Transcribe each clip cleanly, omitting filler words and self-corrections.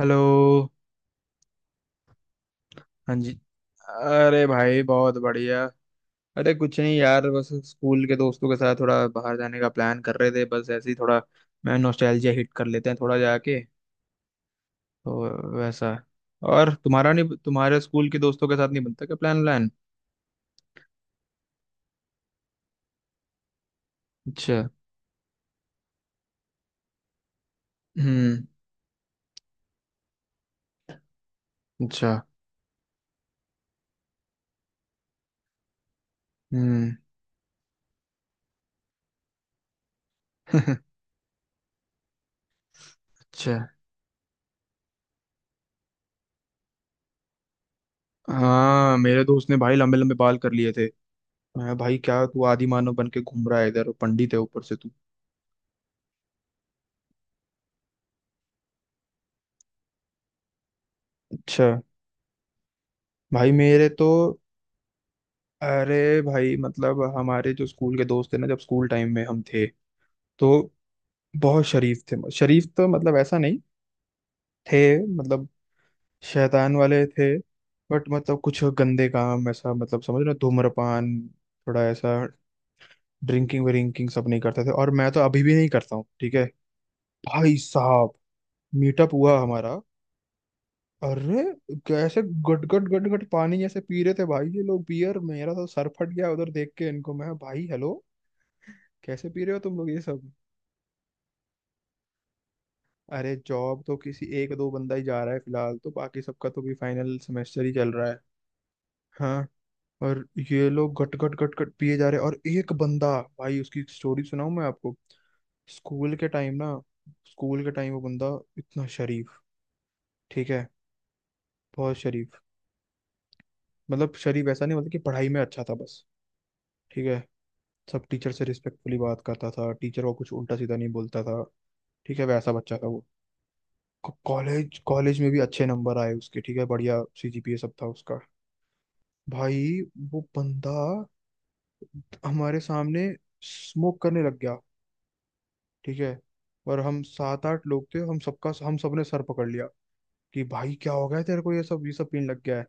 Hello. हाँ जी। अरे भाई, बहुत बढ़िया। अरे, कुछ नहीं यार, बस स्कूल के दोस्तों के साथ थोड़ा बाहर जाने का प्लान कर रहे थे, बस ऐसे ही, थोड़ा मैं नॉस्टैल्जिया हिट कर लेते हैं थोड़ा जाके, तो वैसा। और तुम्हारा नहीं, तुम्हारे स्कूल के दोस्तों के साथ नहीं बनता क्या प्लान व्लान? अच्छा। हम्म। अच्छा। हम्म। अच्छा। हाँ, मेरे दोस्त ने भाई लंबे लंबे बाल कर लिए थे। मैं, भाई क्या तू आदि मानव बन के घूम रहा है इधर, पंडित है ऊपर से तू। अच्छा। भाई मेरे तो, अरे भाई मतलब हमारे जो स्कूल के दोस्त थे ना, जब स्कूल टाइम में हम थे तो बहुत शरीफ थे। शरीफ तो मतलब ऐसा नहीं थे, मतलब शैतान वाले थे। बट मतलब कुछ गंदे काम, ऐसा मतलब समझ रहे हो, धूम्रपान, थोड़ा ऐसा ड्रिंकिंग विरिंकिंग सब नहीं करते थे और मैं तो अभी भी नहीं करता हूँ, ठीक है? भाई साहब, मीटअप हुआ हमारा। अरे, कैसे गट गट गट गट पानी जैसे पी रहे थे भाई ये लोग बियर। मेरा तो सर फट गया उधर देख के इनको। मैं, भाई हेलो, कैसे पी रहे हो तुम लोग ये सब? अरे, जॉब तो किसी एक दो बंदा ही जा रहा है फिलहाल, तो बाकी सबका तो भी फाइनल सेमेस्टर ही चल रहा है। हाँ। और ये लोग घट घट घट घट पिए जा रहे हैं और एक बंदा, भाई उसकी स्टोरी सुनाऊं मैं आपको? स्कूल के टाइम ना, स्कूल के टाइम वो बंदा इतना शरीफ, ठीक है? बहुत शरीफ, मतलब शरीफ ऐसा नहीं, मतलब कि पढ़ाई में अच्छा था बस, ठीक है? सब टीचर से रिस्पेक्टफुली बात करता था, टीचर को कुछ उल्टा सीधा नहीं बोलता था, ठीक है, वैसा बच्चा था वो। कॉलेज, कॉलेज में भी अच्छे नंबर आए उसके, ठीक है, बढ़िया सीजीपीए सब था उसका। भाई, वो बंदा हमारे सामने स्मोक करने लग गया, ठीक है? और हम सात आठ लोग थे, हम सबका, हम सबने सर पकड़ लिया कि भाई क्या हो गया तेरे को, ये सब पीने लग गया है,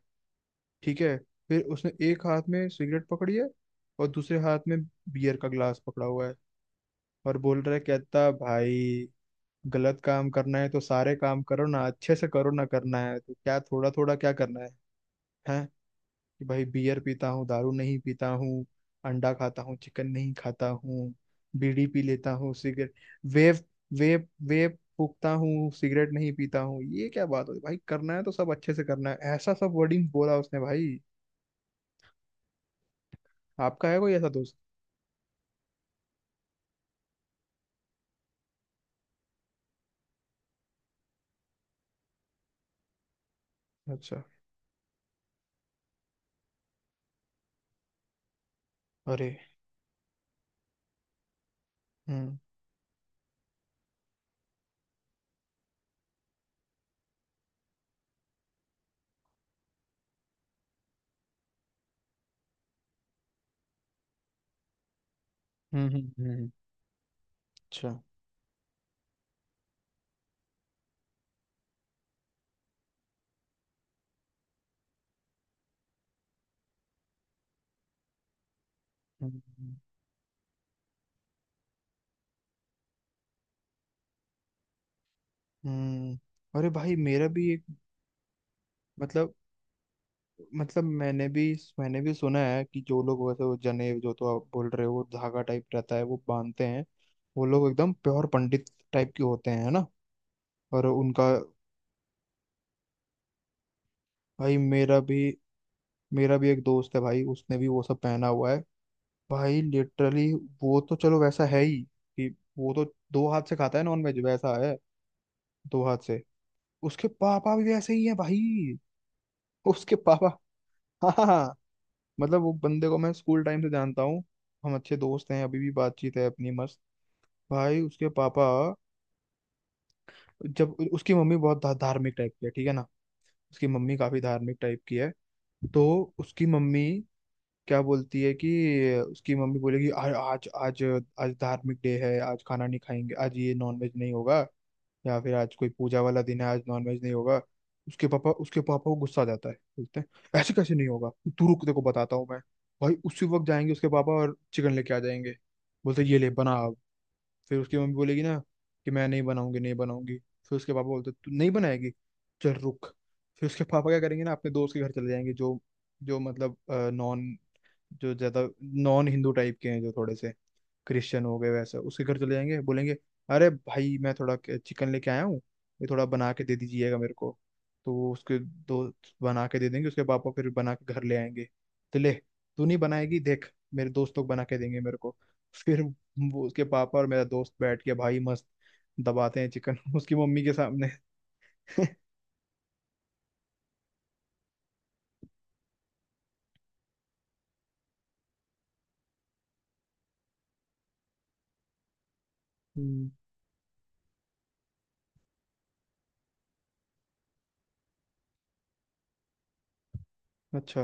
ठीक है? फिर उसने एक हाथ में सिगरेट पकड़ी है और दूसरे हाथ में बियर का गिलास पकड़ा हुआ है, और बोल रहा है, कहता भाई, गलत काम करना है तो सारे काम करो ना, अच्छे से करो ना, करना है तो क्या थोड़ा थोड़ा क्या करना है, है? कि भाई बियर पीता हूँ दारू नहीं पीता हूँ, अंडा खाता हूँ चिकन नहीं खाता हूँ, बीड़ी पी लेता हूँ सिगरेट, वेप, वेप फूकता हूँ सिगरेट नहीं पीता हूँ, ये क्या बात होती भाई? करना है तो सब अच्छे से करना है, ऐसा सब वर्डिंग बोला उसने भाई। आपका है कोई ऐसा दोस्त? अच्छा। अरे। हम्म, हम्म, हम्म, हम्म। अच्छा। हम्म, हम्म, हम्म। अरे भाई मेरा भी एक, मतलब मतलब मैंने भी सुना है कि जो लोग वैसे, वो जनेब जो तो आप बोल रहे हो, वो धागा टाइप रहता है वो बांधते हैं, वो लोग एकदम प्योर पंडित टाइप के होते हैं, है ना? और उनका, भाई मेरा भी एक दोस्त है भाई, उसने भी वो सब पहना हुआ है भाई। लिटरली वो तो चलो वैसा है ही कि, वो तो दो हाथ से खाता है नॉन वेज, वैसा है, दो हाथ से। उसके पापा भी वैसे ही है भाई, उसके पापा। हाँ, हाँ, मतलब वो बंदे को मैं स्कूल टाइम से जानता हूँ, हम अच्छे दोस्त हैं अभी भी, बातचीत है अपनी मस्त। भाई उसके पापा, जब उसकी मम्मी बहुत धार्मिक टाइप की है, ठीक है ना? उसकी मम्मी काफी धार्मिक टाइप की है। तो उसकी मम्मी क्या बोलती है कि, उसकी मम्मी बोलेगी, "आ- आज आज आज धार्मिक डे है, आज खाना नहीं खाएंगे, आज ये नॉनवेज नहीं होगा, या फिर आज कोई पूजा वाला दिन है, आज नॉनवेज नहीं होगा।" उसके पापा को गुस्सा आ जाता है, बोलते हैं ऐसे कैसे नहीं होगा? तू रुक, देखो बताता हूँ मैं। भाई उसी वक्त जाएंगे उसके पापा और चिकन लेके आ जाएंगे, बोलते हैं, ये ले बना। फिर उसकी मम्मी बोलेगी ना कि मैं नहीं बनाऊंगी, नहीं बनाऊंगी। फिर उसके पापा बोलते, तू नहीं बनाएगी? चल रुक। फिर उसके पापा क्या करेंगे ना, अपने दोस्त के घर चले जाएंगे, जो, जो मतलब नॉन जो ज्यादा नॉन हिंदू टाइप के हैं, जो थोड़े से क्रिश्चियन हो गए वैसे, उसके घर चले जाएंगे, बोलेंगे, अरे भाई मैं थोड़ा चिकन लेके आया हूँ, ये थोड़ा बना के दे दीजिएगा मेरे को। तो वो उसके दोस्त बना के दे देंगे, उसके पापा फिर बना के घर ले आएंगे, तो ले, तू नहीं बनाएगी, देख मेरे दोस्त लोग बना के देंगे मेरे को। फिर वो उसके पापा और मेरा दोस्त बैठ के भाई मस्त दबाते हैं चिकन, उसकी मम्मी के सामने। हम्म। अच्छा।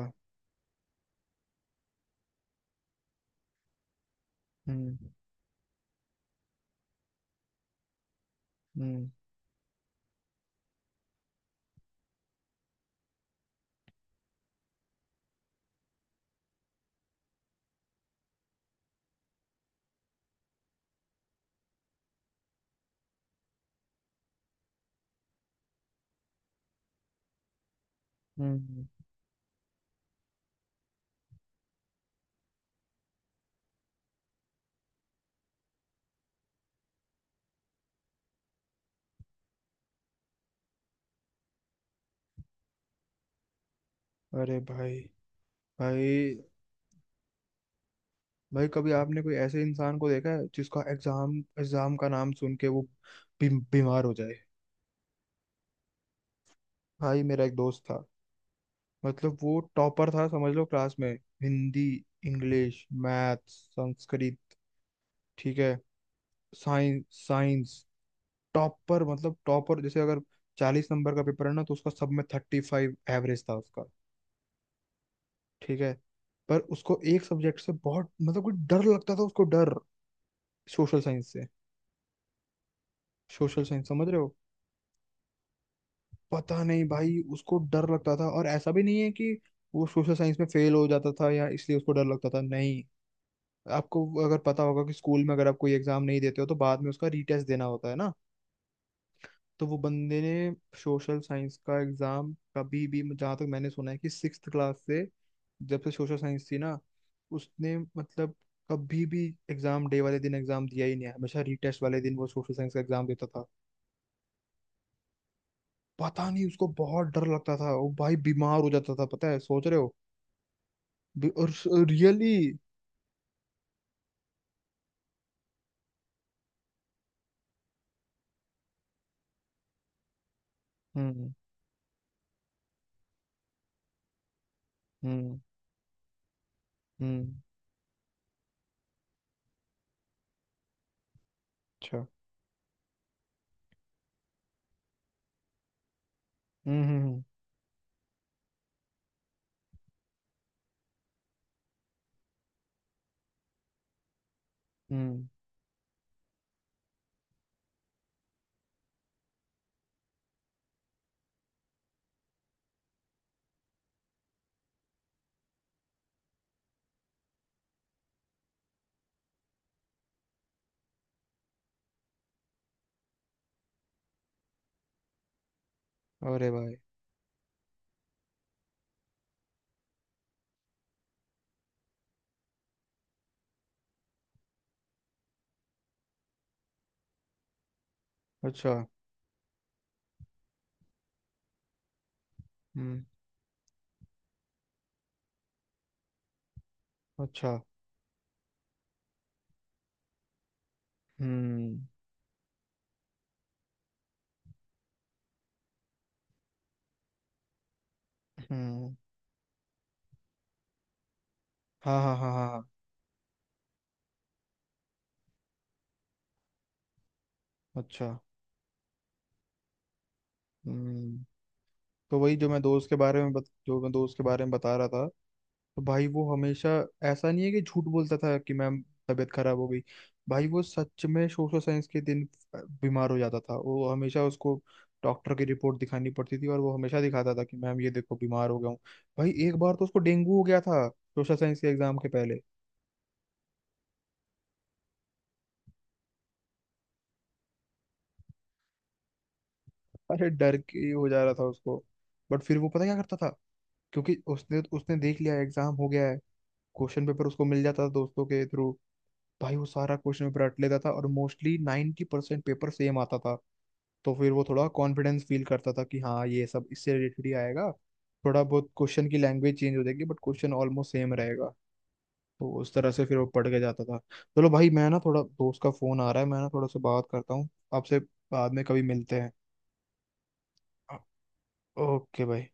हम्म, हम्म, हम्म, अरे भाई, भाई भाई कभी आपने कोई ऐसे इंसान को देखा है जिसका एग्जाम एग्जाम का नाम सुन के वो बीमार हो जाए? भाई मेरा एक दोस्त था, मतलब वो टॉपर था समझ लो क्लास में, हिंदी, इंग्लिश, मैथ्स, संस्कृत, ठीक है, साइंस, टॉपर, मतलब टॉपर जैसे अगर 40 नंबर का पेपर है ना, तो उसका सब में 35 एवरेज था उसका, ठीक है? पर उसको एक सब्जेक्ट से बहुत मतलब कोई डर लगता था, उसको डर, सोशल साइंस से। सोशल साइंस समझ रहे हो? पता नहीं भाई उसको डर लगता था, और ऐसा भी नहीं है कि वो सोशल साइंस में फेल हो जाता था या इसलिए उसको डर लगता था, नहीं। आपको अगर पता होगा कि स्कूल में अगर आप कोई एग्जाम नहीं देते हो तो बाद में उसका रीटेस्ट देना होता है ना। तो वो बंदे ने सोशल साइंस का एग्जाम कभी भी, जहाँ तक मैंने सुना है कि सिक्स्थ क्लास से, जब से सोशल साइंस थी ना, उसने मतलब कभी भी एग्जाम डे वाले दिन एग्जाम दिया ही नहीं है। हमेशा रीटेस्ट वाले दिन वो सोशल साइंस का एग्जाम देता था। पता नहीं उसको बहुत डर लगता था, वो भाई बीमार हो जाता था, पता है? सोच रहे हो, और रियली? हम्म, हम्म, हम्म। अच्छा। हम्म, हम्म, हम्म, हम्म। अरे भाई। अच्छा। हम्म। अच्छा। हम्म, हम्म। हाँ, हाँ, हाँ, हाँ, हाँ। अच्छा। हम्म। तो वही जो मैं दोस्त के बारे में जो मैं दोस्त के बारे में बता रहा था, तो भाई वो हमेशा, ऐसा नहीं है कि झूठ बोलता था कि मैम तबीयत खराब हो गई, भाई वो सच में सोशल साइंस के दिन बीमार हो जाता था वो हमेशा। उसको डॉक्टर की रिपोर्ट दिखानी पड़ती थी और वो हमेशा दिखाता था कि मैम ये देखो बीमार हो गया हूँ। भाई एक बार तो उसको डेंगू हो गया था सोशल साइंस के एग्जाम के पहले। अरे डर के हो जा रहा था उसको। बट फिर वो पता क्या करता था, क्योंकि उसने उसने देख लिया एग्जाम हो गया है, क्वेश्चन पेपर उसको मिल जाता था दोस्तों के थ्रू। भाई वो सारा क्वेश्चन पेपर रट लेता था और मोस्टली 90% पेपर सेम आता था। तो फिर वो थोड़ा कॉन्फिडेंस फील करता था कि हाँ ये सब इससे रिलेटेड ही आएगा, थोड़ा बहुत क्वेश्चन की लैंग्वेज चेंज हो जाएगी बट क्वेश्चन ऑलमोस्ट सेम रहेगा। तो उस तरह से फिर वो पढ़ के जाता था। चलो भाई, मैं ना थोड़ा दोस्त का फोन आ रहा है, मैं ना थोड़ा सा बात करता हूँ आपसे, बाद में कभी मिलते हैं। ओके भाई।